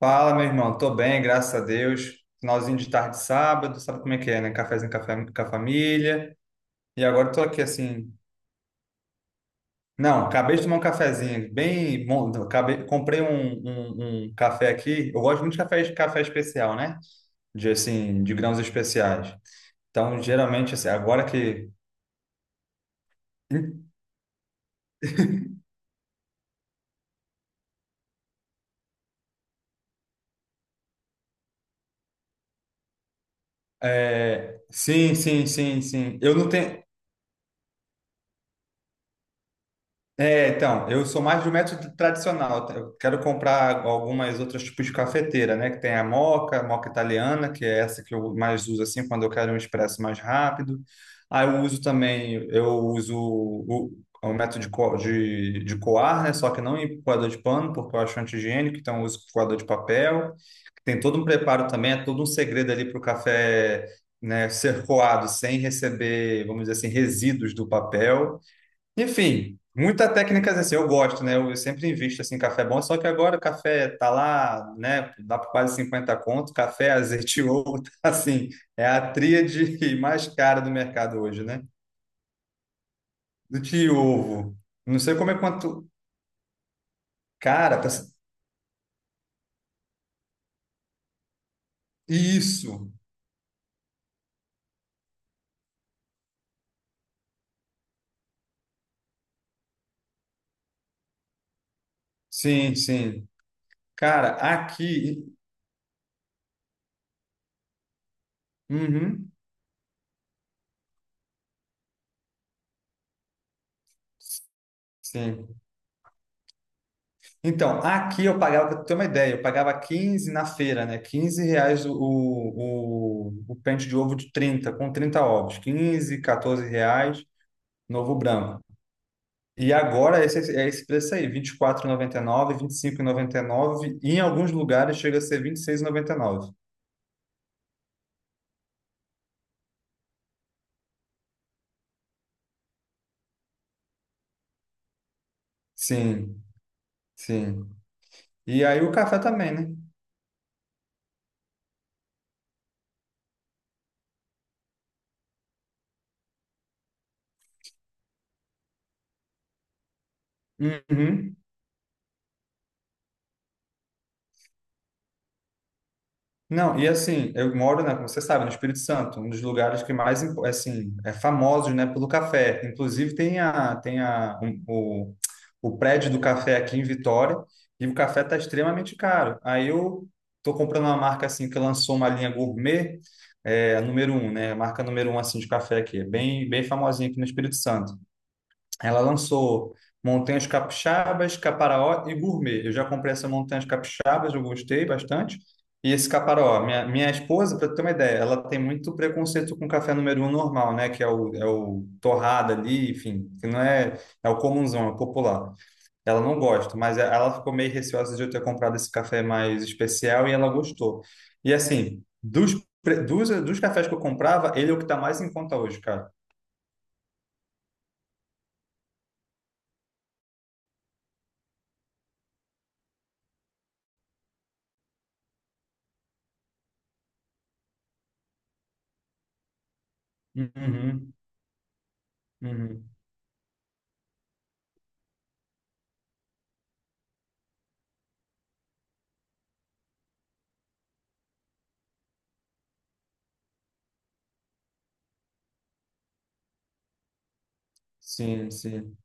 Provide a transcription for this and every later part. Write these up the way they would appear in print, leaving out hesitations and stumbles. Fala, meu irmão. Tô bem, graças a Deus. Finalzinho de tarde, de sábado, sabe como é que é, né? Cafézinho com a família. E agora tô aqui assim. Não, acabei de tomar um cafezinho, bem bom. Acabei, comprei um café aqui. Eu gosto muito de café especial, né? De assim, de grãos especiais. Então, geralmente, assim, agora que. É, sim, sim, sim, sim. Eu não tenho. É, então, eu sou mais do método tradicional, tá? Eu quero comprar algumas outras tipos de cafeteira, né? Que tem a moca italiana, que é essa que eu mais uso assim quando eu quero um expresso mais rápido. Aí eu uso também, eu uso o método de coar, né? Só que não em coador de pano, porque eu acho anti-higiênico, então eu uso coador de papel. Tem todo um preparo também, é todo um segredo ali para o café, né, ser coado sem receber, vamos dizer assim, resíduos do papel. Enfim, muitas técnicas assim, eu gosto, né? Eu, sempre invisto assim, em café bom, só que agora o café tá lá, né? Dá por quase 50 conto, café, azeite e ovo, tá, assim, é a tríade mais cara do mercado hoje, né? Do de ovo. Não sei como é quanto. Cara, tá. Isso. Sim, sim. Cara, aqui. Uhum. Sim. Então, aqui eu pagava, para ter uma ideia, eu pagava 15 na feira, né? 15 reais o pente de ovo de 30 com 30 ovos. Quinze, 14 reais, novo branco. E agora esse, é esse preço aí, vinte R$24,99, R$25,99 e nove vinte e cinco e noventa e cinco noventa em alguns lugares chega a ser vinte e seis e noventa e nove. Sim, sim. E aí o café também, né? Uhum. Não, e assim, eu moro, né, como você sabe, no Espírito Santo, um dos lugares que mais, assim, é famosos, né, pelo café. Inclusive tem o prédio do café aqui em Vitória e o café está extremamente caro. Aí eu tô comprando uma marca, assim, que lançou uma linha gourmet, é, a número um, né, a marca número um, assim, de café aqui, é bem, bem famosinha aqui no Espírito Santo. Ela lançou Montanhas Capixabas, Caparaó e Gourmet. Eu já comprei essa Montanhas Capixabas, eu gostei bastante. E esse Caparaó, minha esposa, para ter uma ideia, ela tem muito preconceito com café número um normal, né? Que é o torrado ali, enfim, que não é, é o comunzão, é o popular. Ela não gosta, mas é, ela ficou meio receosa de eu ter comprado esse café mais especial e ela gostou. E assim, dos cafés que eu comprava, ele é o que está mais em conta hoje, cara. Uhum, uhum. Sim, sim.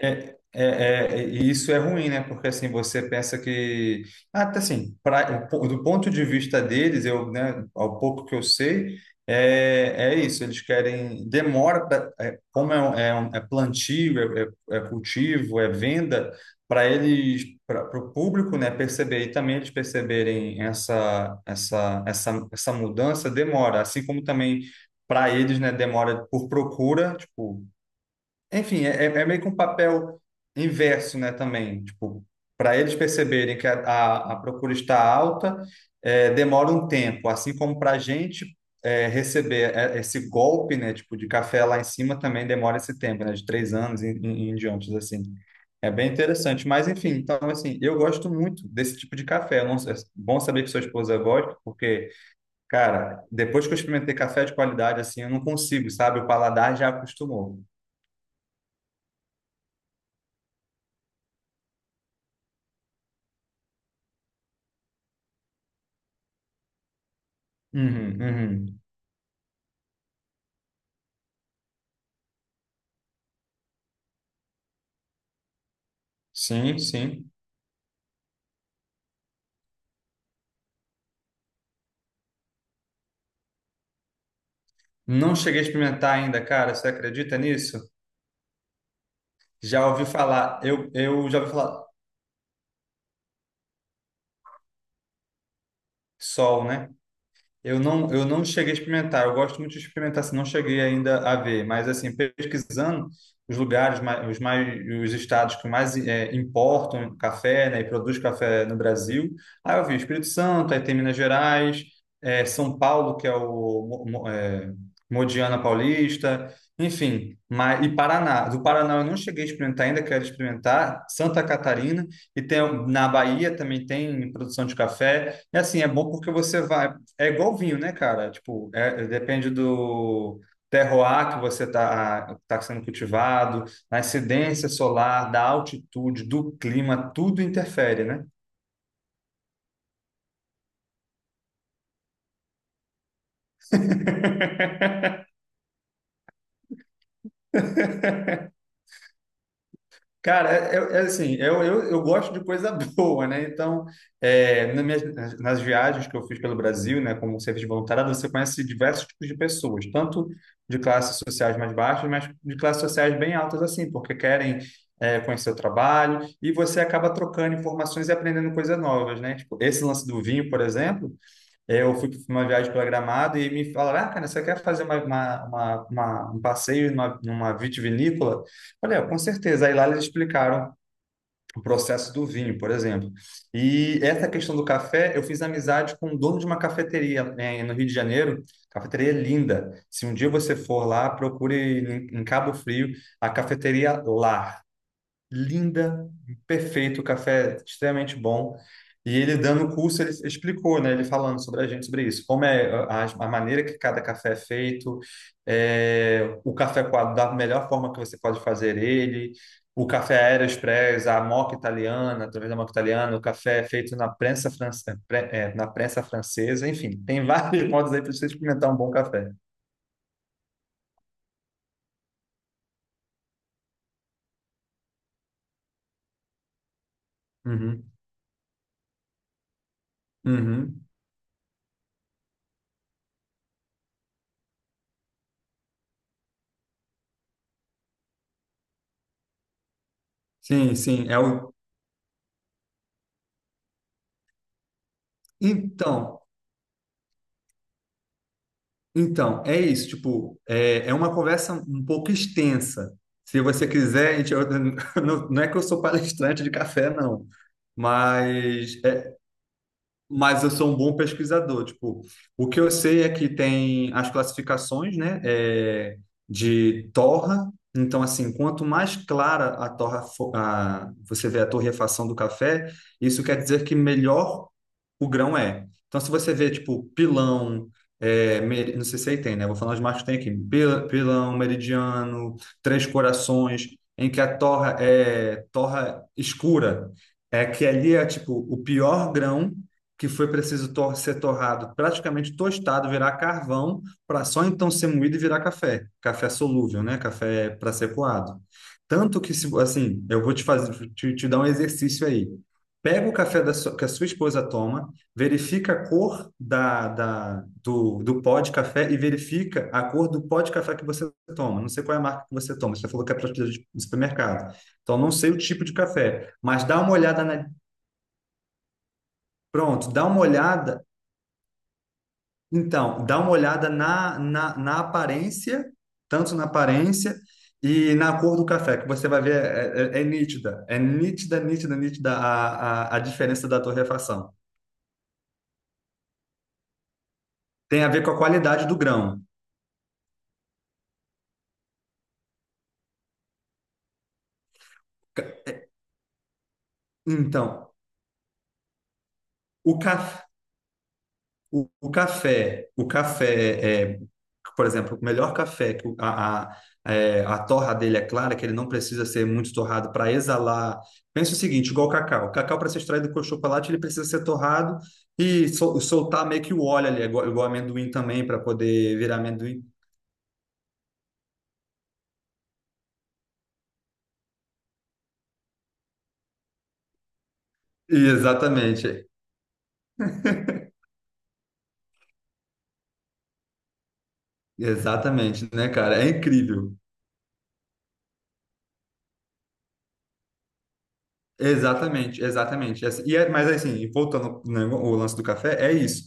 E isso é ruim, né? Porque assim, você pensa que. Ah, tá assim, do ponto de vista deles, eu, né, ao pouco que eu sei, é isso, eles querem. Demora, pra- é, como é, um- é, um- é plantio, é cultivo, é venda, para eles, para o público, né, perceber e também eles perceberem essa mudança, demora. Assim como também para eles, né, demora por procura, tipo. Enfim, é meio que um papel inverso, né, também. Tipo, para eles perceberem que a procura está alta, é, demora um tempo, assim como para a gente é, receber é, esse golpe, né, tipo, de café lá em cima também demora esse tempo, né, de três anos em diante, assim. É bem interessante, mas enfim, então assim, eu gosto muito desse tipo de café. Eu não sei- é bom saber que sua esposa gosta, porque, cara, depois que eu experimentei café de qualidade, assim, eu não consigo, sabe? O paladar já acostumou. Uhum, uhum. Sim, sim. Não cheguei a experimentar ainda, cara. Você acredita nisso? Já ouvi falar, eu já ouvi falar sol, né? Eu não cheguei a experimentar. Eu gosto muito de experimentar, se não cheguei ainda a ver. Mas assim, pesquisando os lugares, mais, os estados que mais importam café, né, e produz café no Brasil. Aí eu vi Espírito Santo, aí tem Minas Gerais, São Paulo, que é o Mo- Mo- eh, Modiana Paulista, enfim. Mas, e Paraná. Do Paraná eu não cheguei a experimentar ainda, quero experimentar. Santa Catarina e tem na Bahia também tem produção de café. É assim, é bom porque você vai é igual vinho, né, cara? Tipo, depende do terroir que você tá sendo cultivado, da incidência solar, da altitude, do clima, tudo interfere, né? Cara, é assim, eu gosto de coisa boa, né? Então, nas viagens que eu fiz pelo Brasil, né, como serviço de voluntariado, você conhece diversos tipos de pessoas, tanto de classes sociais mais baixas, mas de classes sociais bem altas, assim, porque querem, conhecer o trabalho e você acaba trocando informações e aprendendo coisas novas, né? Tipo, esse lance do vinho, por exemplo. Eu fui para uma viagem para Gramado e me falaram, ah, cara, você quer fazer um passeio numa vitivinícola? Falei, "Ah, com certeza." Aí lá eles explicaram o processo do vinho, por exemplo. E essa questão do café, eu fiz amizade com o dono de uma cafeteria, né, no Rio de Janeiro. Cafeteria linda. Se um dia você for lá, procure em Cabo Frio a cafeteria Lar linda, perfeito, café é extremamente bom. E ele dando o curso, ele explicou, né? Ele falando sobre a gente, sobre isso, como é a maneira que cada café é feito, o café coado da melhor forma que você pode fazer ele, o café Aeroexpress, a moca italiana, através da moca italiana, o café é feito na prensa francesa, enfim, tem vários modos aí para você experimentar um bom café. Uhum, uhum. Sim, sim. É o... Então, Então, é isso, tipo, é uma conversa um pouco extensa. Se você quiser, a gente, não, não é que eu sou palestrante de café, não, mas eu sou um bom pesquisador. Tipo, o que eu sei é que tem as classificações, né, de torra. Então, assim, quanto mais clara a torra, você vê a torrefação do café, isso quer dizer que melhor o grão é. Então, se você vê, tipo, pilão, não sei se aí tem, né? Vou falar os marcos que tem aqui. Pilão, meridiano, três corações, em que a torra é torra escura. É que ali é, tipo, o pior grão que foi preciso ser torrado, praticamente tostado, virar carvão, para só então ser moído e virar café. Café solúvel, né? Café para ser coado. Tanto que, assim, eu vou te fazer, te dar um exercício aí. Pega o café que a sua esposa toma, verifica a cor do pó de café e verifica a cor do pó de café que você toma. Não sei qual é a marca que você toma, você falou que é prateleira de supermercado. Então, não sei o tipo de café, mas dá uma olhada na, pronto, dá uma olhada então, dá uma olhada na aparência, tanto na aparência e na cor do café, que você vai ver, é nítida, é nítida, nítida, nítida a diferença da torrefação. Tem a ver com a qualidade do grão. Então, o café O café, por exemplo, o melhor café que a torra dele é clara, que ele não precisa ser muito torrado para exalar. Pensa o seguinte, igual o cacau. O cacau, para ser extraído com o chocolate, ele precisa ser torrado e soltar meio que o óleo ali, igual amendoim também, para poder virar amendoim. Exatamente, exatamente, né, cara? É incrível. Exatamente, exatamente. Mas assim, voltando, né, o lance do café, é isso.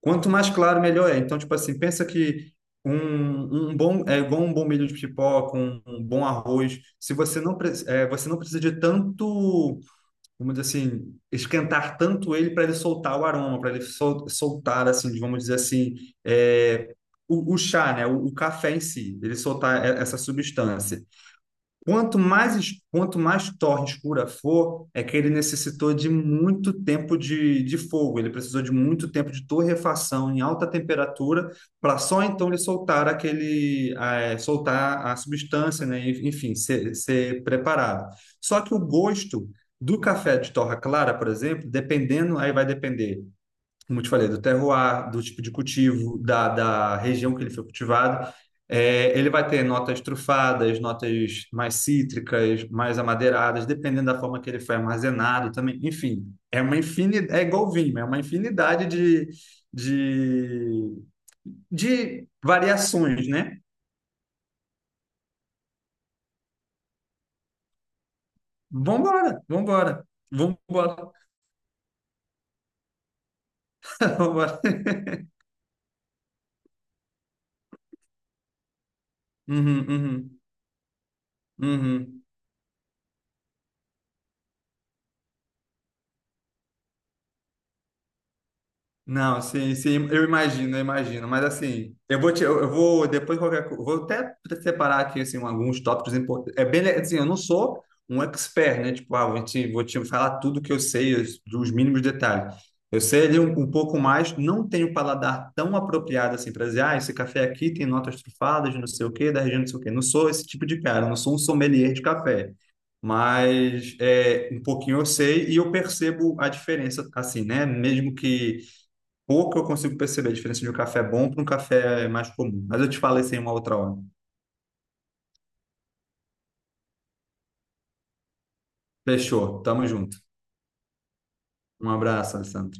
Quanto mais claro, melhor é. Então, tipo assim, pensa que um bom é igual um bom milho de pipoca, um bom arroz. Se você não pre- é, você não precisa de tanto, vamos dizer assim, esquentar tanto ele para ele soltar o aroma, para ele soltar assim, vamos dizer assim, é, o chá, né? O café em si, ele soltar essa substância. Quanto mais torre escura for, é que ele necessitou de muito tempo de fogo, ele precisou de muito tempo de torrefação em alta temperatura para só então ele soltar aquele, soltar a substância, né? Enfim, ser preparado. Só que o gosto do café de torra clara, por exemplo, dependendo, aí vai depender como eu te falei, do terroir, do tipo de cultivo, da região que ele foi cultivado. É, ele vai ter notas trufadas, notas mais cítricas, mais amadeiradas, dependendo da forma que ele foi armazenado também. Enfim, é uma infinidade, é igual vinho, é uma infinidade de, de variações, né? Vambora, vambora, vambora, vambora. Uhum, uhum, uhum. Não, sim, sim, eu imagino, mas assim, eu vou depois qualquer, vou até separar aqui assim alguns tópicos importantes. É assim, eu não sou um expert, né? Tipo, ah, vou te falar tudo que eu sei, os, dos mínimos detalhes. Eu sei ali um pouco mais, não tenho um paladar tão apropriado assim para dizer, ah, esse café aqui tem notas trufadas, de não sei o quê, da região não sei o quê. Não sou esse tipo de cara, não sou um sommelier de café. Mas é, um pouquinho eu sei e eu percebo a diferença, assim, né? Mesmo que pouco eu consigo perceber a diferença de um café bom para um café mais comum. Mas eu te falei isso em uma outra hora. Fechou. Tamo junto. Um abraço, Alessandro.